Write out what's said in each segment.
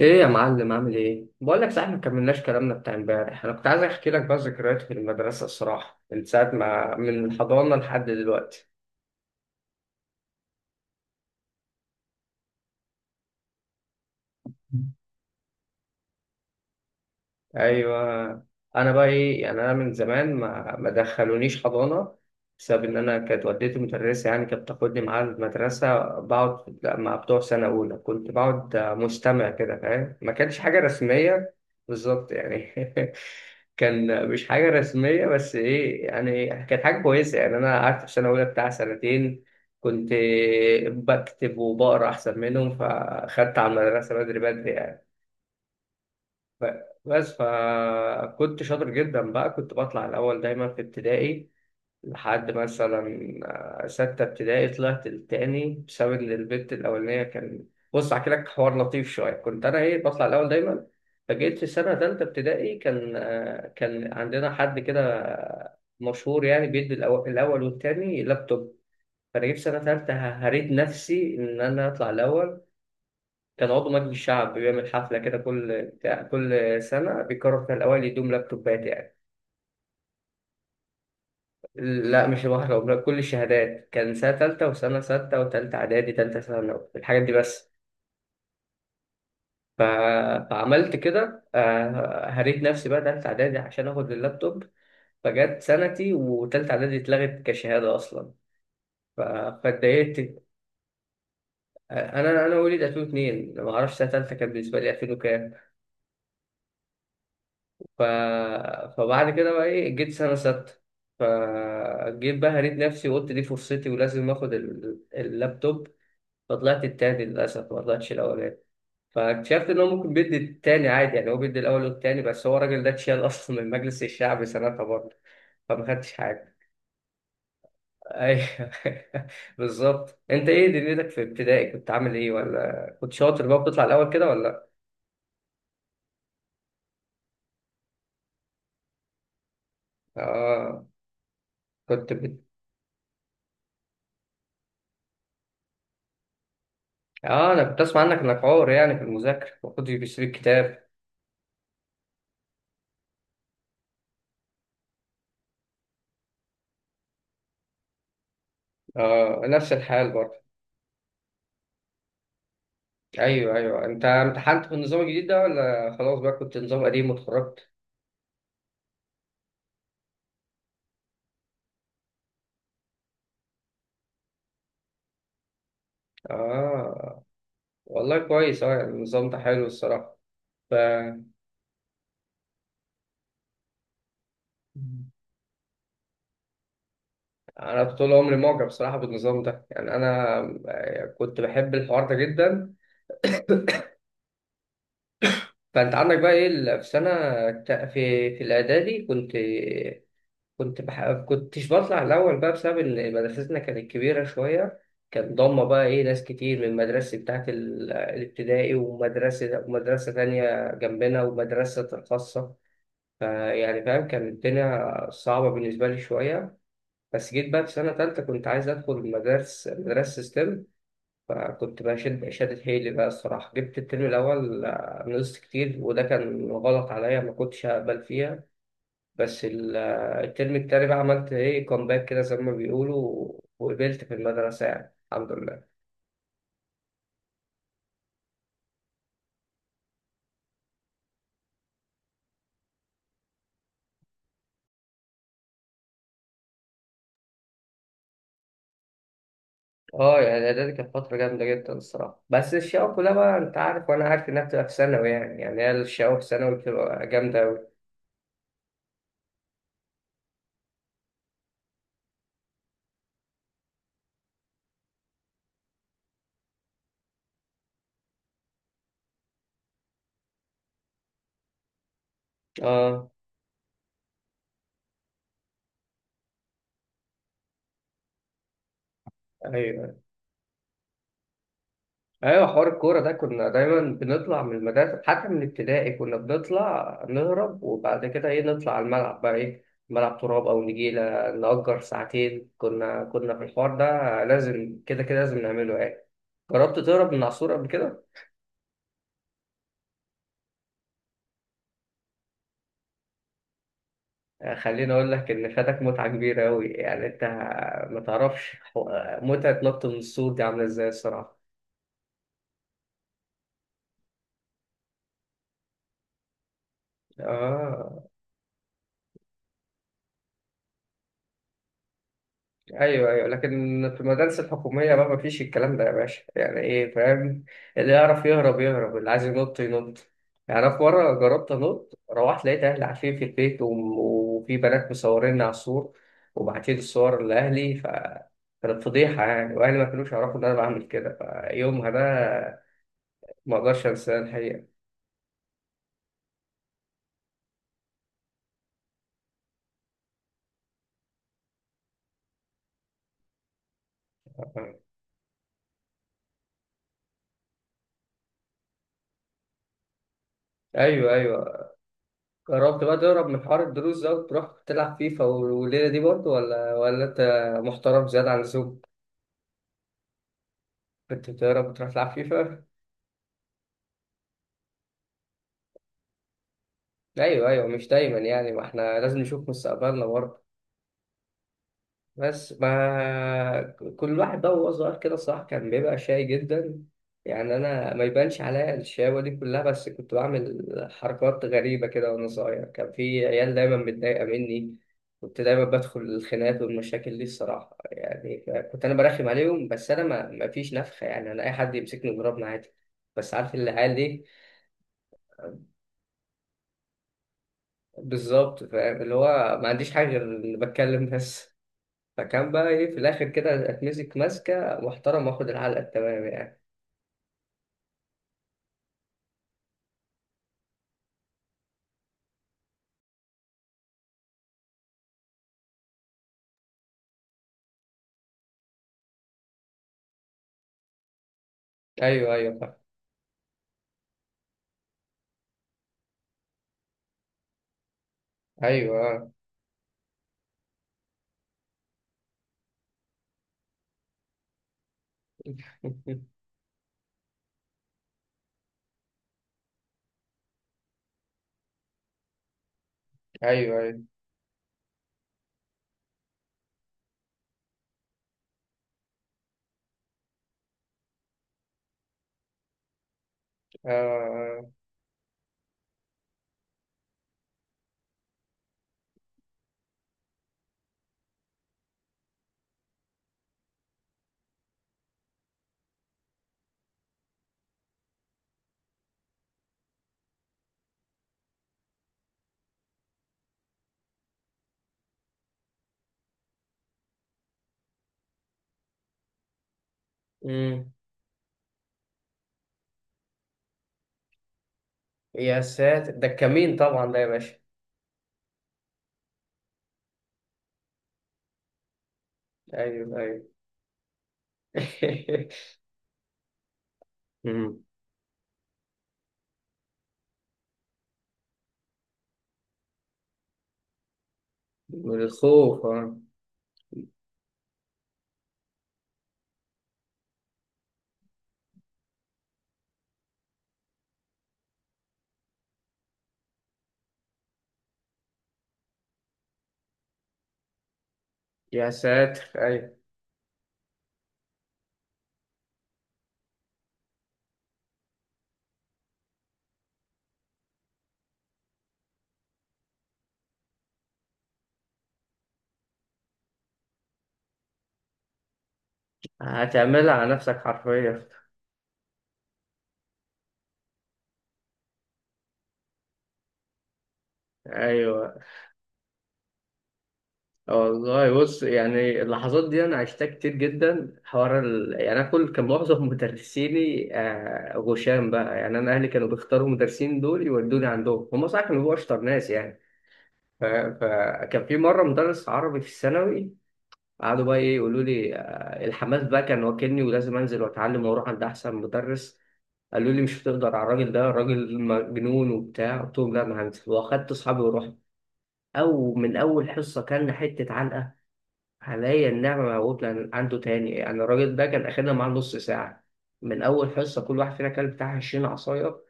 ايه يا معلم، عامل ايه؟ بقول لك، صحيح ما كملناش كلامنا بتاع امبارح. انا كنت عايز احكي لك بقى ذكريات في المدرسه الصراحه، من ساعه ما من الحضانه لحد دلوقتي. ايوه، انا بقى ايه يعني، انا من زمان ما دخلونيش حضانه بسبب ان انا كانت والدتي مدرسه، يعني كانت بتاخدني معاها المدرسه، بقعد مع بتوع سنه اولى، كنت بقعد مستمع كده، فاهم؟ ما كانش حاجه رسميه. بالظبط يعني. كان مش حاجه رسميه، بس ايه يعني، كانت حاجه كويسه يعني. انا قعدت في سنه اولى بتاع سنتين، كنت بكتب وبقرا احسن منهم، فاخدت على المدرسه بدري بدري يعني. ف- بس فكنت شاطر جدا بقى، كنت بطلع الأول دايما في ابتدائي، لحد مثلا ستة ابتدائي طلعت التاني، بسبب إن البت الأولانية كان. بص أحكي لك حوار لطيف شوية، كنت أنا إيه بطلع الأول دايما. فجيت في سنة تالتة ابتدائي، كان كان عندنا حد كده مشهور يعني، بيدي الأول والتاني لابتوب. فأنا جيت في سنة تالتة هريت نفسي إن أنا أطلع الأول. كان عضو مجلس الشعب بيعمل حفلة كده كل بتاع، كل سنة بيقرر فيها الأوائل يدوم لابتوبات يعني. لا مش واحدة ولا كل الشهادات، كان سنة تالتة وسنة ستة وتالتة إعدادي تالتة ثانوي، الحاجات دي بس. ف... فعملت كده هريت نفسي بقى تالتة إعدادي عشان آخد اللابتوب. فجت سنتي وتالتة إعدادي اتلغت كشهادة أصلا. ف... فاتضايقت. أنا وليد 2002، ما أعرفش سنة تالتة كان بالنسبة لي 2000 وكام. ف... فبعد كده بقى ايه، جيت سنة ستة، فجيت بقى هريت نفسي وقلت دي فرصتي ولازم اخد اللابتوب. فطلعت التاني للأسف، ما طلعتش الأولاني. فاكتشفت إن هو ممكن بيدي التاني عادي يعني، هو بيدي الأول والتاني، بس هو الراجل ده اتشال أصلا من مجلس الشعب سنتها برضه، فما خدتش حاجة. أيوه. بالظبط. أنت إيه دنيتك في ابتدائي؟ كنت عامل إيه؟ ولا كنت شاطر بقى بتطلع الأول كده ولا؟ آه. كنت بت... آه، أنا كنت أسمع عنك إنك عور يعني في المذاكرة، ما كنتش بتشتري الكتاب. آه، نفس الحال برضه. ايوه ايوه، انت امتحنت في النظام الجديد ده ولا خلاص بقى كنت نظام قديم واتخرجت؟ اه، والله كويس. اه يعني النظام ده حلو الصراحه. ف انا طول عمري معجب بصراحه بالنظام ده، يعني انا كنت بحب الحوار ده جدا. فانت عندك بقى ايه في سنه في في الاعدادي كنت. كنتش بطلع الأول بقى، بسبب إن مدرستنا كانت كبيرة شوية، كان ضم بقى إيه ناس كتير من مدرستي بتاعت الابتدائي ومدرسة ومدرسة تانية جنبنا ومدرسة خاصة. فيعني فاهم، كانت الدنيا صعبة بالنسبة لي شوية. بس جيت بقى في سنة تالتة كنت عايز أدخل مدارس مدرسة ستيم، فكنت بقى شدت حيلي بقى الصراحة. جبت الترم الأول نقصت كتير، وده كان غلط عليا، ما كنتش هقبل فيها. بس الترم التاني بقى عملت ايه كومباك كده زي ما بيقولوا، وقبلت في المدرسة يعني الحمد لله. اه، يعني اعدادي كانت فترة جامدة جدا الصراحة، بس الشقاوة كلها بقى انت عارف وانا عارف انها بتبقى في ثانوي يعني، يعني هي الشقاوة في ثانوي بتبقى جامدة أوي. اه، ايوه ايوه، حوار الكورة ده كنا دايما بنطلع من المدرسة، حتى من ابتدائي كنا بنطلع نهرب، وبعد كده ايه نطلع على الملعب بقى ايه، ملعب تراب او نجيلة، نأجر ساعتين. كنا كنا في الحوار ده، لازم كده، كده لازم نعمله يعني. جربت تهرب من العصور قبل كده؟ آه، خليني أقول لك إن فاتك متعة كبيرة أوي يعني. أنت ما تعرفش متعة نط من السور دي عاملة إزاي الصراحة. آه، أيوه أيوه، لكن في المدارس الحكومية بقى مفيش الكلام ده يا باشا، يعني إيه فاهم، اللي يعرف يهرب يهرب، اللي عايز ينط ينط. يعني أنا في مرة جربت أنط، روحت لقيت أهلي عارفين في البيت، وفي بنات مصوريني على السور وبعتين الصور لأهلي. كانت فضيحة يعني، وأهلي ما كانوش يعرفوا إن أنا بعمل كده. فيومها ده ما اقدرش انساه الحقيقه. ايوه ايوه. جربت بقى تهرب من حوار الدروس ده وتروح تلعب فيفا والليله دي برضه ولا انت محترم زياده عن اللزوم؟ كنت بتهرب وتروح تلعب فيفا؟ ايوه ايوه، مش دايما يعني، ما احنا لازم نشوف مستقبلنا برضه. بس ما كل واحد بقى وهو صغير كده صح كان بيبقى شاي جدا. يعني انا ما يبانش عليا الشقاوة دي كلها، بس كنت بعمل حركات غريبة كده وانا صغير، كان في عيال دايما متضايقة مني، كنت دايما بدخل الخناقات والمشاكل دي الصراحة يعني. كنت انا برخم عليهم، بس انا ما فيش نفخة يعني، انا اي حد يمسكني يضربني عادي، بس عارف العيال دي. بالظبط، فاهم اللي هو ما عنديش حاجة غير إني بتكلم بس. فكان بقى ايه في الاخر كده اتمسك، ماسكه محترم واخد العلقه التمام يعني. ايوه ايوه، فاهم. ايوه، آه. ايوه ايوه، آه. آه. أمم. يا ساتر، ده الكمين طبعا ده يا باشا. ايوه ايوه. أمم. من الخوف، اه. يا ساتر، ايوه. هتعملها على نفسك حرفيا. ايوه، والله بص يعني، اللحظات دي انا عشتها كتير جدا. حوار يعني انا كل، كان معظم مدرسيني غشام بقى، يعني انا اهلي كانوا بيختاروا المدرسين دول يودوني عندهم هم، صح كانوا بيبقوا اشطر ناس يعني. فكان في مره مدرس عربي في الثانوي، قعدوا بقى ايه يقولوا لي الحماس بقى كان واكلني ولازم انزل واتعلم واروح عند احسن مدرس. قالوا لي مش هتقدر على الراجل ده، الراجل مجنون وبتاع. قلت لهم لا انا هنزل، واخدت اصحابي ورحت. او من اول حصه كان حته علقه، حاليا نعمة موجود لأن عنده تاني يعني. الراجل ده كان أخدنا معاه نص ساعة، من أول حصة كل واحد فينا كان بتاع عشرين عصاية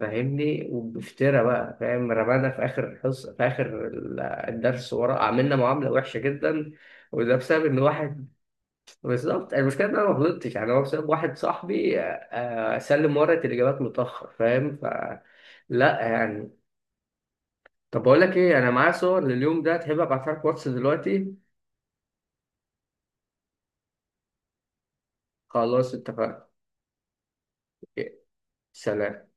فاهمني. وبفترة بقى فاهم، رمانا في آخر الحصة في آخر الدرس ورا، عملنا معاملة وحشة جدا، وده بسبب إن واحد. بالظبط يعني، المشكلة إن أنا ما غلطتش يعني، هو بسبب واحد صاحبي سلم ورقة الإجابات متأخر فاهم. لا يعني، طب بقول لك إيه، أنا معايا صور لليوم ده، تحب أبعتها لك واتس دلوقتي؟ خلاص، اتفقنا. سلام.